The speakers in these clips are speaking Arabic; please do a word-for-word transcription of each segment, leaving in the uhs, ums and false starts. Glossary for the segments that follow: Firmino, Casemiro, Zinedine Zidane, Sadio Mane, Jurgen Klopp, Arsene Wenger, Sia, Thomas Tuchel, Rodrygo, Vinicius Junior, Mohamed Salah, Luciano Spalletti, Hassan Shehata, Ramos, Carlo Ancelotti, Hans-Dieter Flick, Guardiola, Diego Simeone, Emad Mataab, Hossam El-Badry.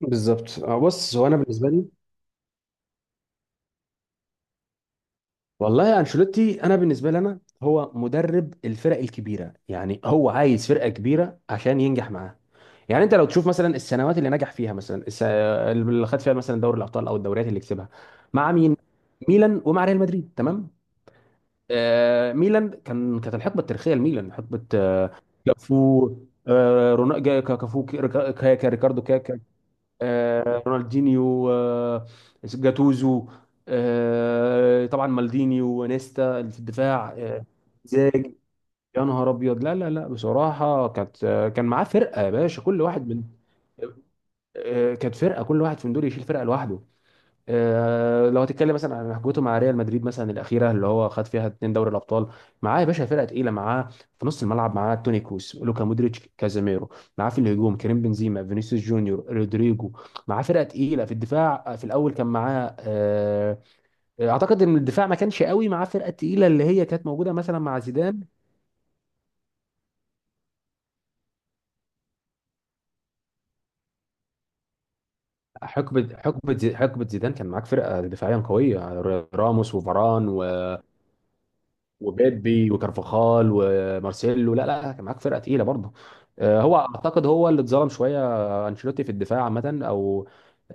بالظبط، آه، بص. هو انا بالنسبه لي، والله انشيلوتي، انا بالنسبه لي انا هو مدرب الفرق الكبيره. يعني هو عايز فرقه كبيره عشان ينجح معاها. يعني انت لو تشوف مثلا السنوات اللي نجح فيها، مثلا الس... اللي خد فيها مثلا دوري الابطال، او الدوريات اللي كسبها مع مين؟ ميلان ومع ريال مدريد، تمام. آه، ميلان، كان كانت الحقبه التاريخيه لميلان حقبه، آه، كافو، آه رونالدو، كافو، كا- كا- كا- ريكاردو، آه، رونالدينيو، آه، جاتوزو، آه، طبعا مالديني وانيستا اللي في الدفاع. آه، زاج يا نهار ابيض لا لا لا، بصراحه كانت، آه، كان معاه فرقه يا باشا، كل واحد من، آه، كانت فرقه، كل واحد من دول يشيل فرقه لوحده. آه، لو هتتكلم مثلا عن حجته مع ريال مدريد، مثلا الاخيره اللي هو خد فيها اتنين دوري الابطال، معاه يا باشا فرقه تقيله. معاه في نص الملعب معاه توني كروس، لوكا مودريتش، كازاميرو. معاه في الهجوم كريم بنزيما، فينيسيوس جونيور، رودريجو. معاه فرقه تقيله في الدفاع. في الاول كان معاه، آه، اعتقد ان الدفاع ما كانش قوي. معاه فرقه تقيله اللي هي كانت موجوده مثلا مع زيدان. حقبه حقبه زي- حقبه زيدان كان معاك فرقه دفاعيا قويه، راموس وفاران وبيبي وكارفاخال ومارسيلو. لا لا، كان معاك فرقه تقيله برضه. آه، هو اعتقد هو اللي اتظلم شويه، آه، انشيلوتي في الدفاع عامه، او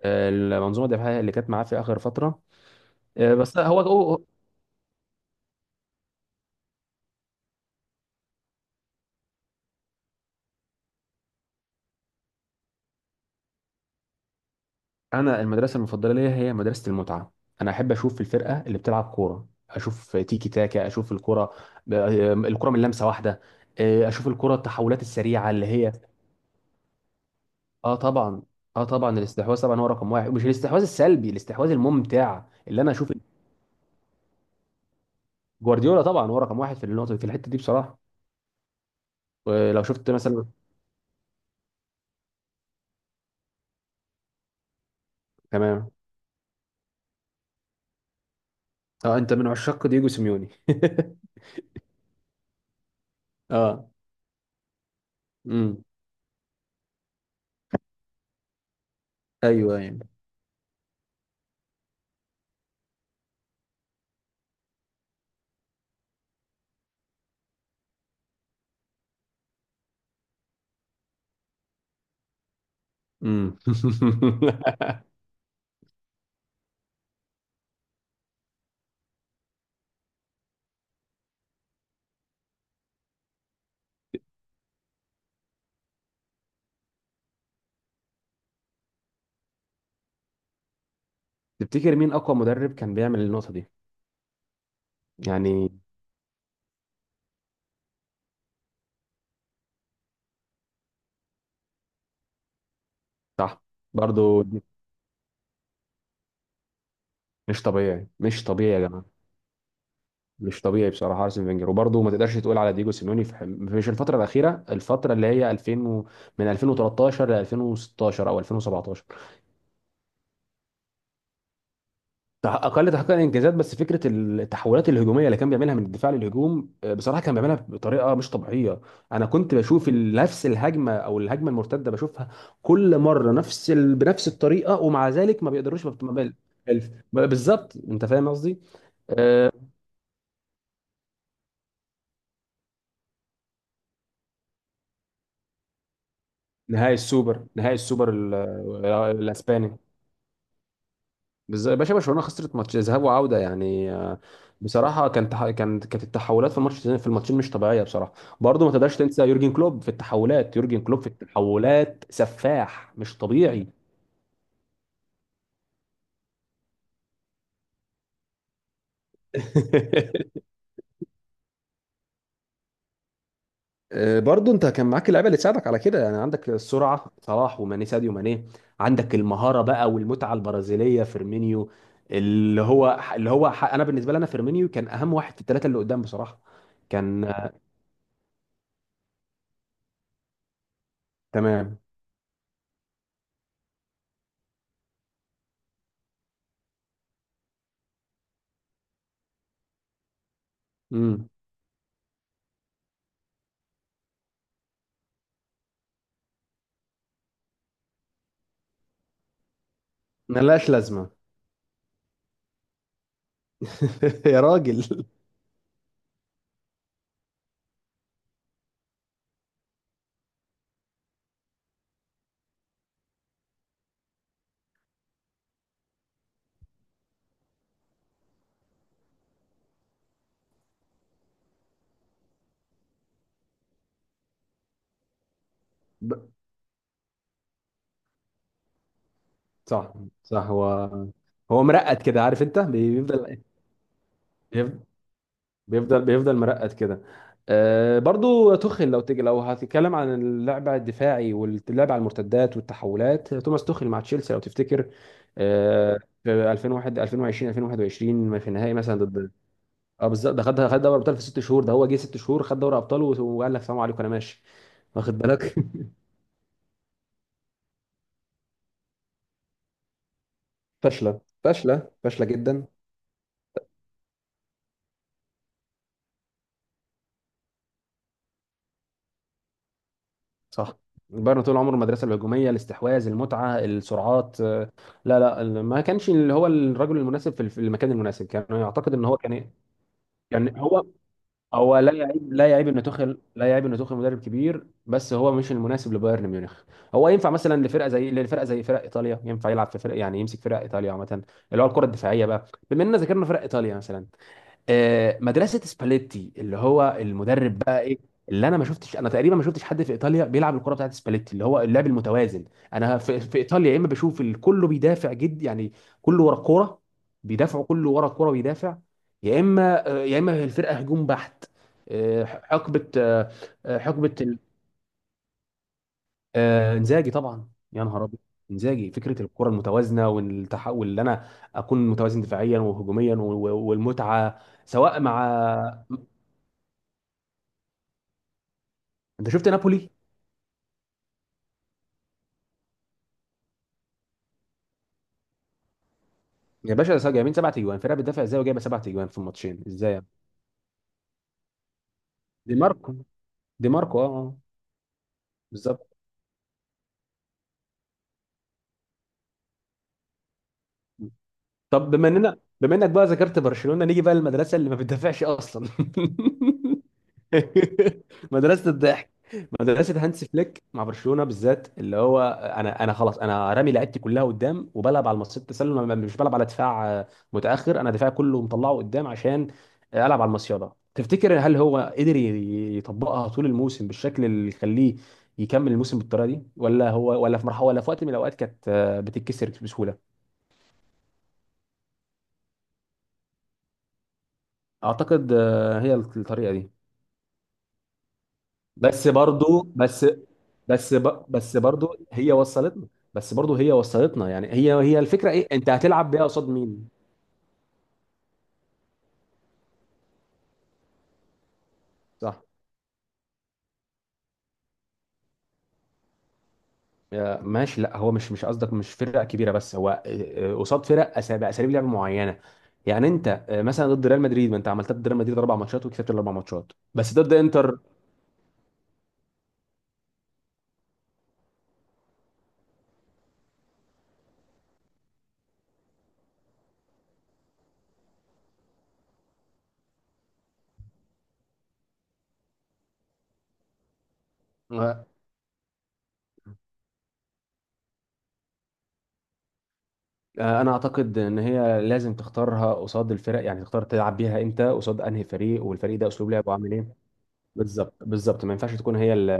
آه، المنظومه الدفاعيه اللي كانت معاه في اخر فتره. آه، بس هو هو- انا المدرسه المفضله ليا هي مدرسه المتعه. انا احب اشوف الفرقه اللي بتلعب كوره، اشوف تيكي تاكا، اشوف الكره ب- آه، الكره من لمسه واحده، آه، اشوف الكره التحولات السريعه اللي هي. اه طبعا. اه طبعا، الاستحواذ طبعا هو رقم واحد، مش الاستحواذ السلبي، الاستحواذ الممتع اللي انا اشوف. جوارديولا طبعا هو رقم واحد في النقطه، في الحته دي بصراحه. ولو شفت مثلا. تمام. اه، انت من عشاق دييجو سيميوني. اه. امم. ايوه يعني. امم. تفتكر مين اقوى مدرب كان بيعمل النقطه دي؟ يعني صح، برضو مش طبيعي، مش طبيعي يا جماعه، مش طبيعي بصراحه ارسن فينجر. وبرضه ما تقدرش تقول على ديجو سيميوني في، مش الفتره الاخيره، الفتره اللي هي ألفين و... من ألفين وتلتاشر ل ألفين وستاشر او ألفين وسبعتاشر. تح- اقل تحقيقا انجازات، بس فكره التحولات الهجوميه اللي كان بيعملها من الدفاع للهجوم، آه، بصراحه كان بيعملها بطريقه مش طبيعيه. انا كنت بشوف ال- نفس الهجمه، او الهجمه المرتده بشوفها كل مره نفس ال... بنفس الطريقه، ومع ذلك ما بيقدروش، ما بت- ما بال- ما- بالظبط، انت فاهم قصدي. آه، نهائي السوبر، نهائي السوبر ال- آه، الاسباني. بس يا باشا برشلونه خسرت ماتش ذهاب وعوده يعني، آه، بصراحه كانت كانت كانت التحولات في الماتش، في الماتشين، مش طبيعيه بصراحه. برضه ما تقدرش تنسى يورجن كلوب في التحولات، يورجن كلوب في التحولات سفاح مش طبيعي. آه، برضه انت كان معاك اللعيبه اللي تساعدك على كده، يعني عندك السرعه صلاح، وماني، ساديو ماني، عندك المهاره بقى والمتعه البرازيليه فيرمينيو اللي هو، اللي هو ح- انا بالنسبه لي، انا فيرمينيو كان اهم واحد في الثلاثه اللي قدام بصراحه. كان آه، تمام. امم. ملهاش لازمه. يا راجل. ب- صح، صح، هو هو مرقد كده، عارف، انت بيفضل بيفضل بيفضل, بيفضل مرقد كده. آه برضو توخيل، لو تيجي لو هتتكلم عن اللعب الدفاعي واللعب على المرتدات والتحولات، توماس توخيل مع تشيلسي لو تفتكر. آه في ألفين وواحد، ألفين وعشرين، ألفين وواحد وعشرين، في النهائي مثلا ضد. اه بالظبط، ده خد خد دوري ابطال في ست شهور. ده هو جه ست شهور، خد دوري ابطال، وقال لك سلام عليكم انا ماشي. واخد بالك؟ فاشله فاشله فاشله جدا. صح، بايرن طول عمره المدرسه الهجوميه، الاستحواذ، المتعه، السرعات. آه، لا لا ال- ما كانش اللي هو الرجل المناسب في في المكان المناسب. كان يعتقد ان هو كان إيه، يعني هو هو لا يعيب، لا يعيب ان توخيل لا يعيب ان توخيل مدرب كبير، بس هو مش المناسب لبايرن ميونخ. هو ينفع مثلا لفرقه زي لفرقه زي فرق ايطاليا، ينفع يلعب في فرق، يعني يمسك فرق ايطاليا عامه، اللي هو الكره الدفاعيه بقى. بما اننا ذكرنا فرق ايطاليا مثلا، آه، مدرسه سباليتي، اللي هو المدرب بقى ايه، اللي انا ما شفتش، انا تقريبا ما شفتش حد في ايطاليا بيلعب الكره بتاعت سباليتي اللي هو اللعب المتوازن. انا في, في ايطاليا، يا اما بشوف ال- كله بيدافع جد يعني، كله ورا الكوره، بيدافعوا كله ورا الكوره بيدافع، يا اما، آه، يا اما الفرقه هجوم بحت. آه، حقبه آه، آه، حقبه ال- آه، انزاجي طبعا، يا نهار ابيض. انزاجي، فكره الكره المتوازنه والتحول، اللي انا اكون متوازن دفاعيا وهجوميا، و- و- والمتعه، سواء مع. انت شفت نابولي؟ يا باشا، سا- جايبين سبع تجوان، فرقه بتدافع ازاي وجايبه سبع تجوان في الماتشين ازاي يعني؟ دي ماركو، دي ماركو، اه، آه، بالظبط. طب بما اننا بما انك بقى ذكرت برشلونه، نيجي بقى للمدرسه اللي ما بتدافعش اصلا. مدرسة الضحك. مدرسة هانس فليك مع برشلونة بالذات، اللي هو، انا، انا خلاص انا رامي لعبتي كلها قدام، وبلعب على مصيدة التسلل، ما- مش بلعب على دفاع، آه، متأخر. انا دفاعي كله مطلعه قدام عشان العب على المصيدة. تفتكر هل هو قدر ي- يطبقها طول الموسم بالشكل اللي يخليه يكمل الموسم بالطريقة دي، ولا هو، ولا في مرحلة، ولا في وقت من الاوقات كانت، آه، بتتكسر بسهولة؟ اعتقد آه، هي الطريقة دي. بس برضو بس بس ب- بس برضو هي وصلتنا بس برضو هي وصلتنا، يعني هي هي الفكره. ايه انت هتلعب بيها قصاد مين؟ صح. يا- ماشي، لا هو مش، مش قصدك مش فرق كبيره، بس هو آه، آه، قصاد فرق، أسا- باساليب لعب معينه. يعني انت آه، مثلا ضد ريال مدريد، ما انت عملتها ضد ريال مدريد اربع ماتشات، وكسبت الاربع ماتشات، بس ضد انتر، آه، آه، انا اعتقد ان هي لازم تختارها قصاد الفرق، يعني تختار تلعب بيها انت قصاد انهي فريق، والفريق ده اسلوب لعبه عامل ايه. بالظبط بالظبط، ما ينفعش تكون هي ال.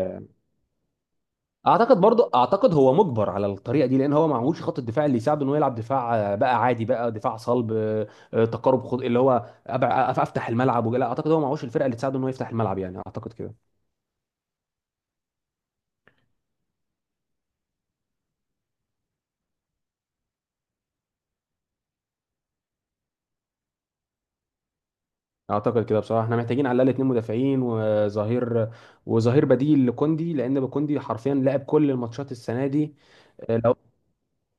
اعتقد برضه، اعتقد هو مجبر على الطريقه دي، لان هو ما معهوش خط الدفاع اللي يساعده انه يلعب دفاع آه، بقى عادي، بقى دفاع صلب، آه، آه، تقارب. خد اللي هو أبع- أف- افتح الملعب. ولا اعتقد هو ما معهوش الفرقه اللي تساعده انه يفتح الملعب، يعني اعتقد كده. اعتقد كده بصراحه. احنا محتاجين على الاقل اتنين مدافعين، وظهير، وظهير بديل لكوندي، لان كوندي حرفيا لعب كل الماتشات السنه دي. آه، لو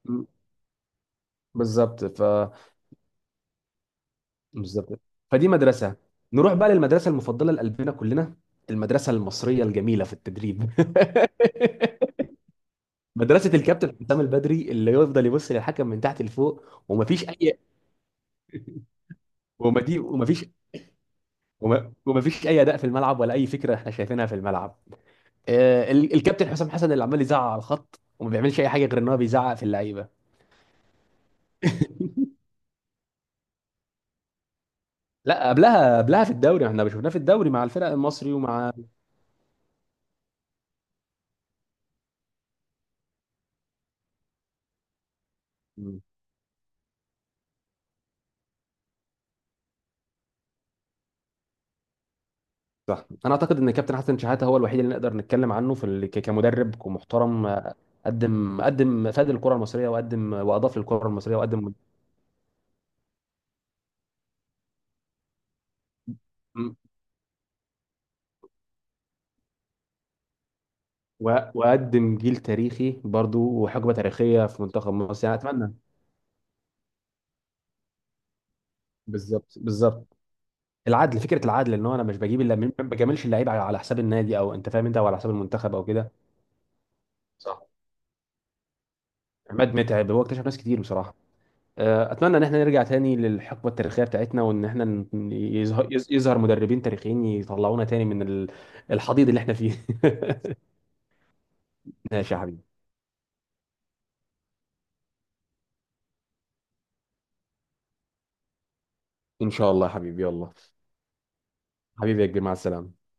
م- بالظبط، ف، بالظبط، فدي مدرسه. نروح بقى للمدرسه المفضله لقلبنا كلنا، المدرسه المصريه الجميله في التدريب. مدرسة الكابتن حسام البدري، اللي يفضل يبص للحكم من تحت لفوق. ومفيش أي، وما دي ومفيش وما ومفيش أي أداء في الملعب، ولا أي فكرة احنا شايفينها في الملعب. آه، ال- الكابتن حسام حسن اللي عمال يزعق على الخط، وما بيعملش أي حاجة غير إن هو بيزعق في اللعيبة. لا، قبلها، قبلها في الدوري احنا شفناه، في الدوري مع الفرق المصري ومع. مم. صح، انا اعتقد ان الكابتن حسن شحاته هو الوحيد اللي نقدر نتكلم عنه في ال- ك- كمدرب، كمحترم، آه، قدم، قدم فاد الكره المصريه، وقدم واضاف للكره المصريه، وقدم و- واقدم جيل تاريخي برضو، وحقبه تاريخيه في منتخب مصر، يعني اتمنى. بالظبط بالظبط، العدل، فكره العدل ان هو، انا مش بجيب الا، ما بجاملش اللعيب على، على حساب النادي، او انت فاهم انت، او على حساب المنتخب او كده. صح، عماد متعب، هو اكتشف ناس كتير بصراحه. آه، اتمنى ان احنا نرجع تاني للحقبه التاريخيه بتاعتنا، وان احنا ن- يظهر يظ- يظهر مدربين تاريخيين يطلعونا تاني من ال- الحضيض اللي احنا فيه. ماشي يا حبيبي، ان شاء الله يا حبيبي، يلا، حبيبي يا كبير، مع السلامه.